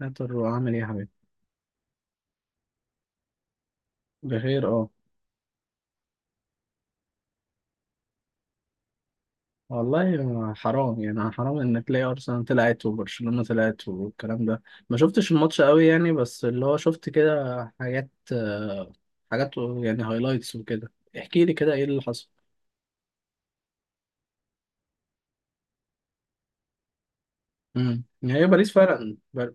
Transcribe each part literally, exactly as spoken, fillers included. نقدر وعامل ايه يا حبيبي. بخير اه. والله ما- حرام يعني، حرام ان تلاقي ارسنال طلعت وبرشلونة طلعت والكلام ده. ما شفتش الماتش قوي يعني، بس اللي هو شفت كده حاجات، آه، حاجات يعني هايلايتس وكده. احكي لي كده ايه اللي حصل. امم يعني هي باريس فعلا بار-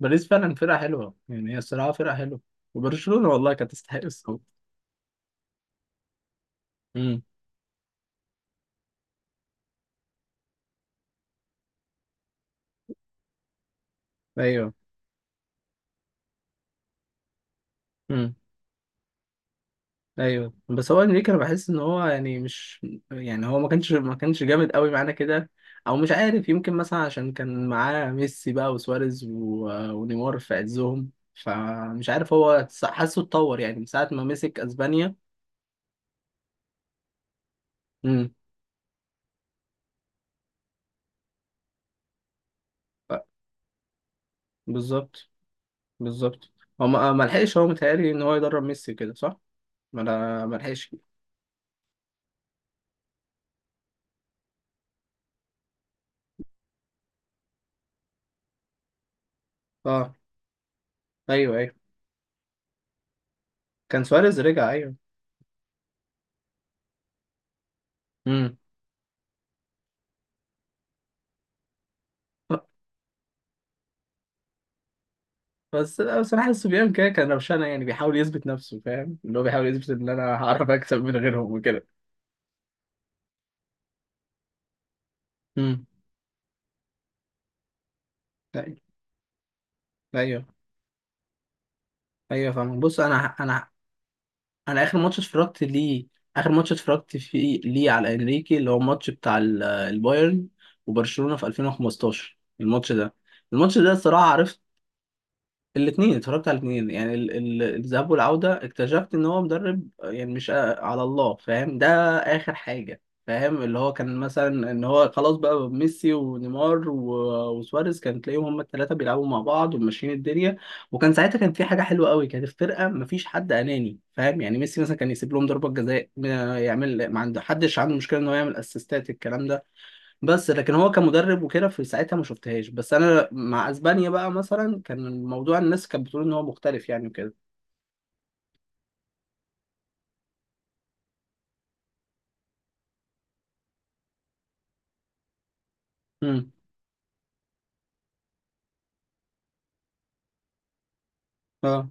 باريس فعلا فرقة حلوة، يعني هي الصراحة فرقة حلوة. وبرشلونة والله كانت تستحق الصوت. امم. ايوه ايوه. بس هو انريكي، انا بحس ان هو يعني مش يعني هو ما كانش ما كانش جامد قوي معانا كده. او مش عارف، يمكن مثلا عشان كان معاه ميسي بقى وسواريز و- ونيمار في عزهم، فمش عارف هو س- حاسه اتطور يعني من ساعه ما مسك اسبانيا. امم. ف- بالظبط، بالظبط. هو ما ما لحقش، هو متهيألي ان هو يدرب ميسي كده، صح؟ ما لا- ما لحقش. اه. ايوه ايوه، كان سواريز رجع، ايوه. امم. بس لا، بصراحة الصبيان كده كان روشانة يعني، بيحاول يثبت نفسه، فاهم؟ اللي هو بيحاول يثبت إن أنا هعرف أكسب من غيرهم وكده. امم. أيوه. أيوه. أيوه فاهم. بص أنا أنا أنا آخر ماتش اتفرجت ليه، آخر ماتش اتفرجت فيه ليه على إنريكي اللي هو الماتش بتاع ال- البايرن وبرشلونة في ألفين وخمستاشر، الماتش ده. الماتش ده الصراحة عرفت الاثنين، اتفرجت على الاثنين يعني ال- ال- الذهاب والعودة. اكتشفت ان هو مدرب يعني مش آه، على الله، فاهم ده؟ اخر حاجة. فاهم اللي هو كان مثلا ان هو خلاص بقى ميسي ونيمار و- وسواريز، كان تلاقيهم هم الثلاثة بيلعبوا مع بعض وماشيين الدنيا. وكان ساعتها كان في حاجة حلوة قوي، كانت الفرقة مفيش حد اناني فاهم يعني. ميسي مثلا كان يسيب لهم ضربة جزاء، ما- يعمل، ما عنده حدش عنده مشكلة ان هو يعمل اسيستات، الكلام ده. بس لكن هو كمدرب وكده في ساعتها ما شفتهاش، بس انا مع اسبانيا بقى مثلا كان الموضوع الناس كانت بتقول ان هو مختلف يعني وكده. امم. اه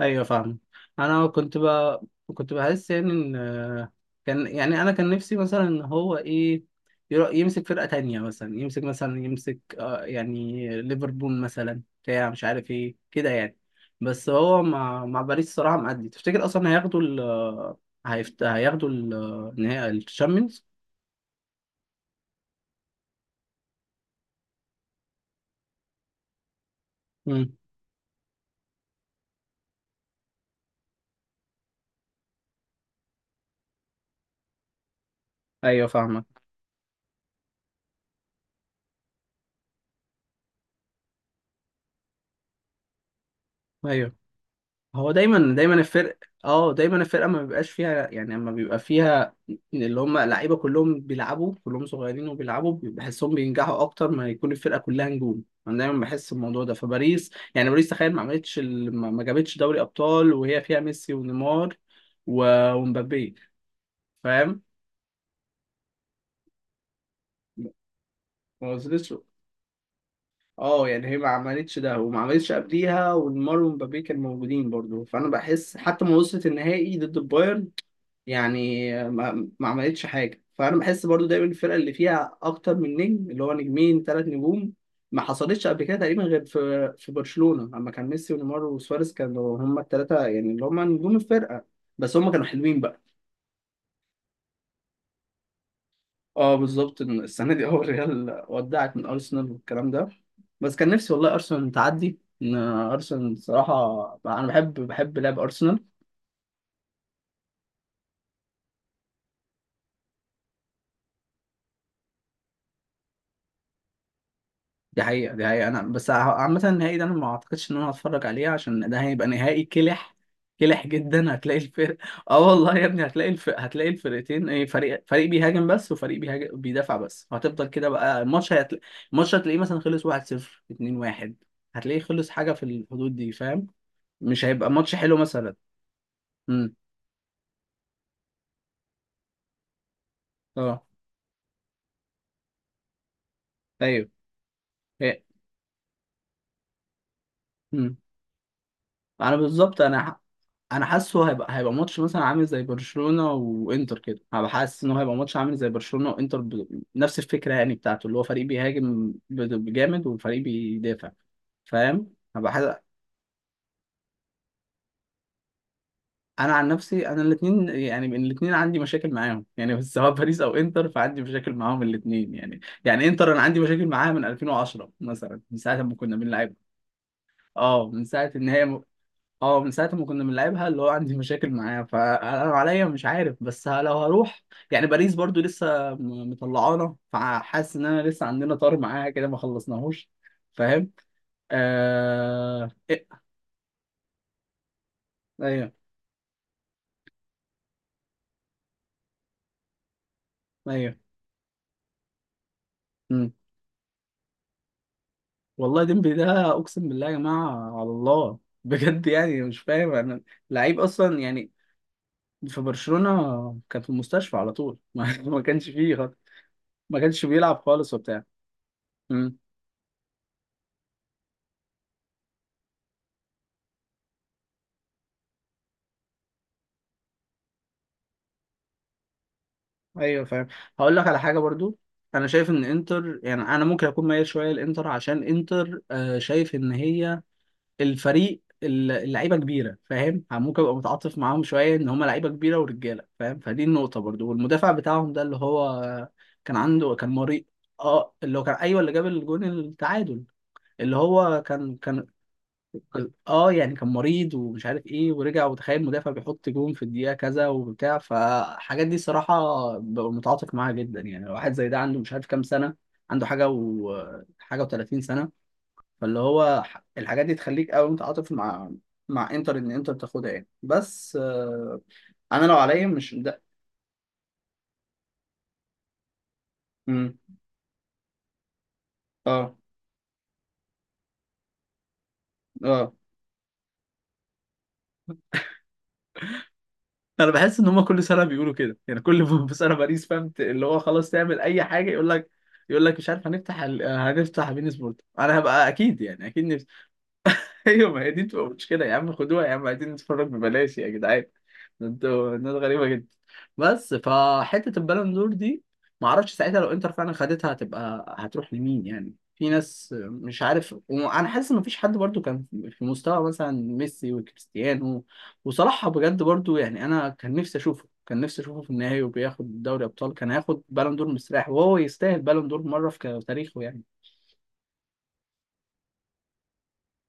ايوه فاهم. انا كنت بقى، كنت بحس يعني ان، آه، كان يعني، انا كان نفسي مثلا ان هو ايه، يرا- يمسك فرقة تانية، مثلا يمسك مثلا يمسك آه يعني ليفربول مثلا بتاع مش عارف ايه كده يعني. بس هو مع مع باريس الصراحة معدي، تفتكر اصلا هياخدوا ال، هيفت... هياخدوا ال... النهائي الشامبيونز؟ ايوه فاهمك. ايوه هو دايما دايما الفرق، اه دايما الفرقه ما بيبقاش فيها يعني، اما بيبقى فيها اللي هم لعيبه كلهم بيلعبوا كلهم صغيرين وبيلعبوا بحسهم، بينجحوا اكتر ما يكون الفرقه كلها نجوم. انا دايما بحس الموضوع ده. فباريس يعني، باريس تخيل ما عملتش ال- ما ما جابتش دوري ابطال وهي فيها ميسي ونيمار و- ومبابي. فاهم؟ ما وصلتش. اه يعني هي ما عملتش ده وما عملتش قبليها، ونيمار ومبابي كانوا موجودين برضو. فانا بحس حتى ما وصلت النهائي ضد البايرن يعني، ما, ما عملتش حاجه. فانا بحس برضو دايما الفرقه اللي فيها اكتر من نجم اللي هو نجمين ثلاث نجوم ما حصلتش قبل كده تقريبا غير في في برشلونه لما كان ميسي ونيمار وسواريز، كانوا هم الثلاثه يعني اللي هم نجوم الفرقه. بس هم كانوا حلوين بقى. اه بالظبط، إن السنه دي اول ريال ودعت من ارسنال والكلام ده. بس كان نفسي والله ارسنال تعدي، ان ارسنال صراحه انا بحب بحب لعب ارسنال. دي حقيقة، دي حقيقة. أنا بس ع- عامة النهائي ده أنا ما أعتقدش إن أنا هتفرج عليه، عشان ده هيبقى نهائي كلح، كلح جدا. هتلاقي الفرق آه والله يا ابني، هتلاقي الفرق، هتلاقي الفرقتين إيه، فريق، فريق بيهاجم بس وفريق بيهاجم بيدافع بس، وهتفضل كده بقى. الماتش هتلاقي، الماتش هتلاقيه مثلا خلص واحد صفر، اتنين واحد، هتلاقيه خلص حاجة في الحدود دي. فاهم؟ مش هيبقى ماتش حلو مثلا. امم. اه. أيوه. إيه. امم. أنا بالظبط، أنا، انا حاسه هيبقى، هيبقى ماتش مثلا عامل زي برشلونة وانتر كده. انا حاسس ان هو هيبقى ماتش عامل زي برشلونة وانتر ب... نفس الفكرة يعني بتاعته، اللي هو فريق بيهاجم ب- بجامد وفريق بيدافع. فاهم؟ هبقى حاسس. انا عن نفسي انا الاثنين، يعني الاثنين عندي مشاكل معاهم يعني بس سواء باريس او انتر، فعندي مشاكل معاهم الاثنين يعني. يعني انتر انا عندي مشاكل معاها من ألفين وعشرة مثلا، من ساعة ما كنا بنلعبها. اه من ساعة ان هي، اه من ساعة ما كنا بنلعبها، اللي هو عندي مشاكل معاه. فأنا عليا مش عارف، بس ه- لو هروح يعني باريس برضو لسه، م- مطلعانا، فحاسس إن أنا لسه عندنا طار معاها كده ما خلصناهوش. فاهم؟ آه... إيه؟ أيوه. أيوه. مم. والله ديمبلي ده أقسم بالله يا جماعة، على الله. بجد يعني مش فاهم أنا، لعيب أصلا يعني في برشلونة كان في المستشفى على طول ما ما كانش فيه خالص، ما كانش بيلعب خالص وبتاع. إمم. ايوه فاهم. هقول لك على حاجه برضو. انا شايف ان انتر يعني، انا ممكن اكون ميال شويه لانتر عشان انتر، آه، شايف ان هي الفريق الل- اللعيبه كبيره، فاهم؟ ممكن ابقى متعاطف معاهم شويه، ان هم لعيبه كبيره ورجاله فاهم، فدي النقطه برضو. والمدافع بتاعهم ده اللي هو آه، كان عنده، كان مريء، اه اللي هو كان، ايوه اللي جاب الجون التعادل، اللي هو كان كان كان- اه يعني كان مريض ومش عارف ايه ورجع، وتخيل مدافع بيحط جون في الدقيقة كذا وبتاع، فالحاجات دي صراحة ببقى متعاطف معاها جدا يعني. لو واحد زي ده عنده مش عارف كام سنة، عنده حاجة و حاجة وتلاتين سنة، فاللي هو ح- الحاجات دي تخليك قوي متعاطف مع مع انتر ان انتر تاخدها يعني بس آه، انا لو عليا مش ده. مم. اه. اه. انا بحس ان هم كل سنه بيقولوا كده يعني كل ف- في سنه باريس فهمت اللي هو خلاص تعمل اي حاجه، يقول لك، يقول لك مش عارف هنفتح ال... هنفتح بين سبورت، انا هبقى اكيد يعني اكيد. ايوه ما هي دي بتبقى مشكله. يا عم خدوها، يا عم عايزين نتفرج ببلاش يا جدعان، ده انتوا ناس غريبه جدا. بس فحته البالون دور دي، ما اعرفش ساعتها لو انتر فعلا خدتها هتبقى، هتروح لمين يعني؟ في ناس مش عارف، وانا حاسس ان مفيش حد برضو كان في مستوى مثلا ميسي وكريستيانو. وصلاح بجد برضو يعني، انا كان نفسي اشوفه، كان نفسي اشوفه في النهائي وبياخد دوري ابطال، كان هياخد بالون دور مستريح. وهو يستاهل بالون دور مره في تاريخه يعني.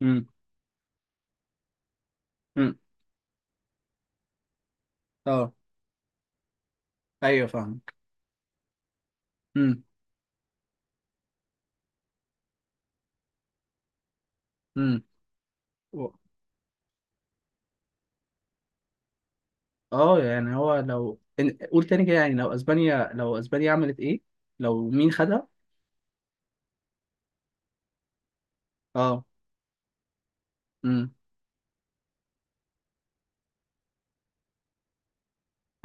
امم. امم. اه ايوه فاهمك. امم. و- اه يعني هو لو إن- قول تاني كده يعني، لو اسبانيا، لو اسبانيا عملت ايه، لو مين خدها؟ اه. امم.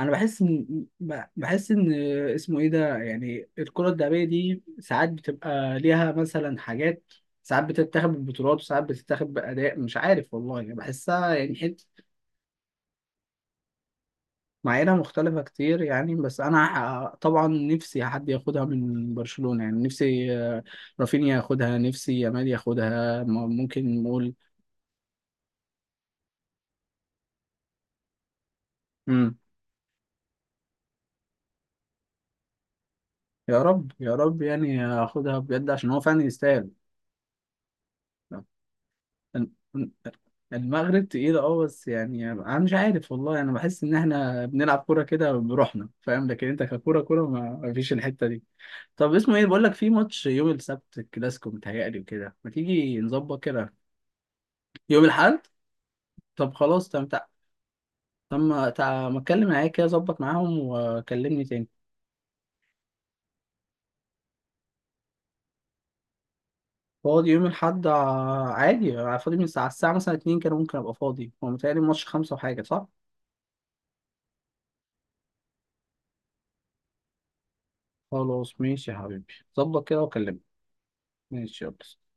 انا بحس ان ب- بحس ان اسمه ايه ده يعني، الكرة الذهبية دي ساعات بتبقى ليها مثلا حاجات، ساعات بتتاخد بالبطولات وساعات بتتاخد بأداء مش عارف، والله يعني بحسها يعني حتة معاييرها مختلفة كتير يعني. بس أنا ح- طبعا نفسي حد ياخدها من برشلونة يعني، نفسي آه، رافينيا ياخدها، نفسي يامال ياخدها، م- ممكن نقول. إمم. يا رب، يا رب يعني هاخدها بجد عشان هو فعلا يستاهل. المغرب تقيل اه، بس يعني انا مش عارف والله، انا بحس ان احنا بنلعب كوره كده بروحنا، فاهم؟ لكن انت ككوره، كوره ما ما فيش الحته دي. طب اسمه ايه بقول لك، في ماتش يوم السبت الكلاسيكو متهيألي وكده، ما تيجي نظبط كده؟ يوم الاحد؟ طب خلاص تم، تع- طب ما تع- ما اتكلم معايا كده، ظبط معاهم وكلمني تاني. فاضي يوم الاحد، ع- عادي. فاضي من الساعه، الساعه مثلا اثنين كده ممكن ابقى فاضي، هو متهيألي الماتش خمسة وحاجه، صح؟ خلاص ماشي يا حبيبي، ظبط كده وكلمني. ماشي، يلا.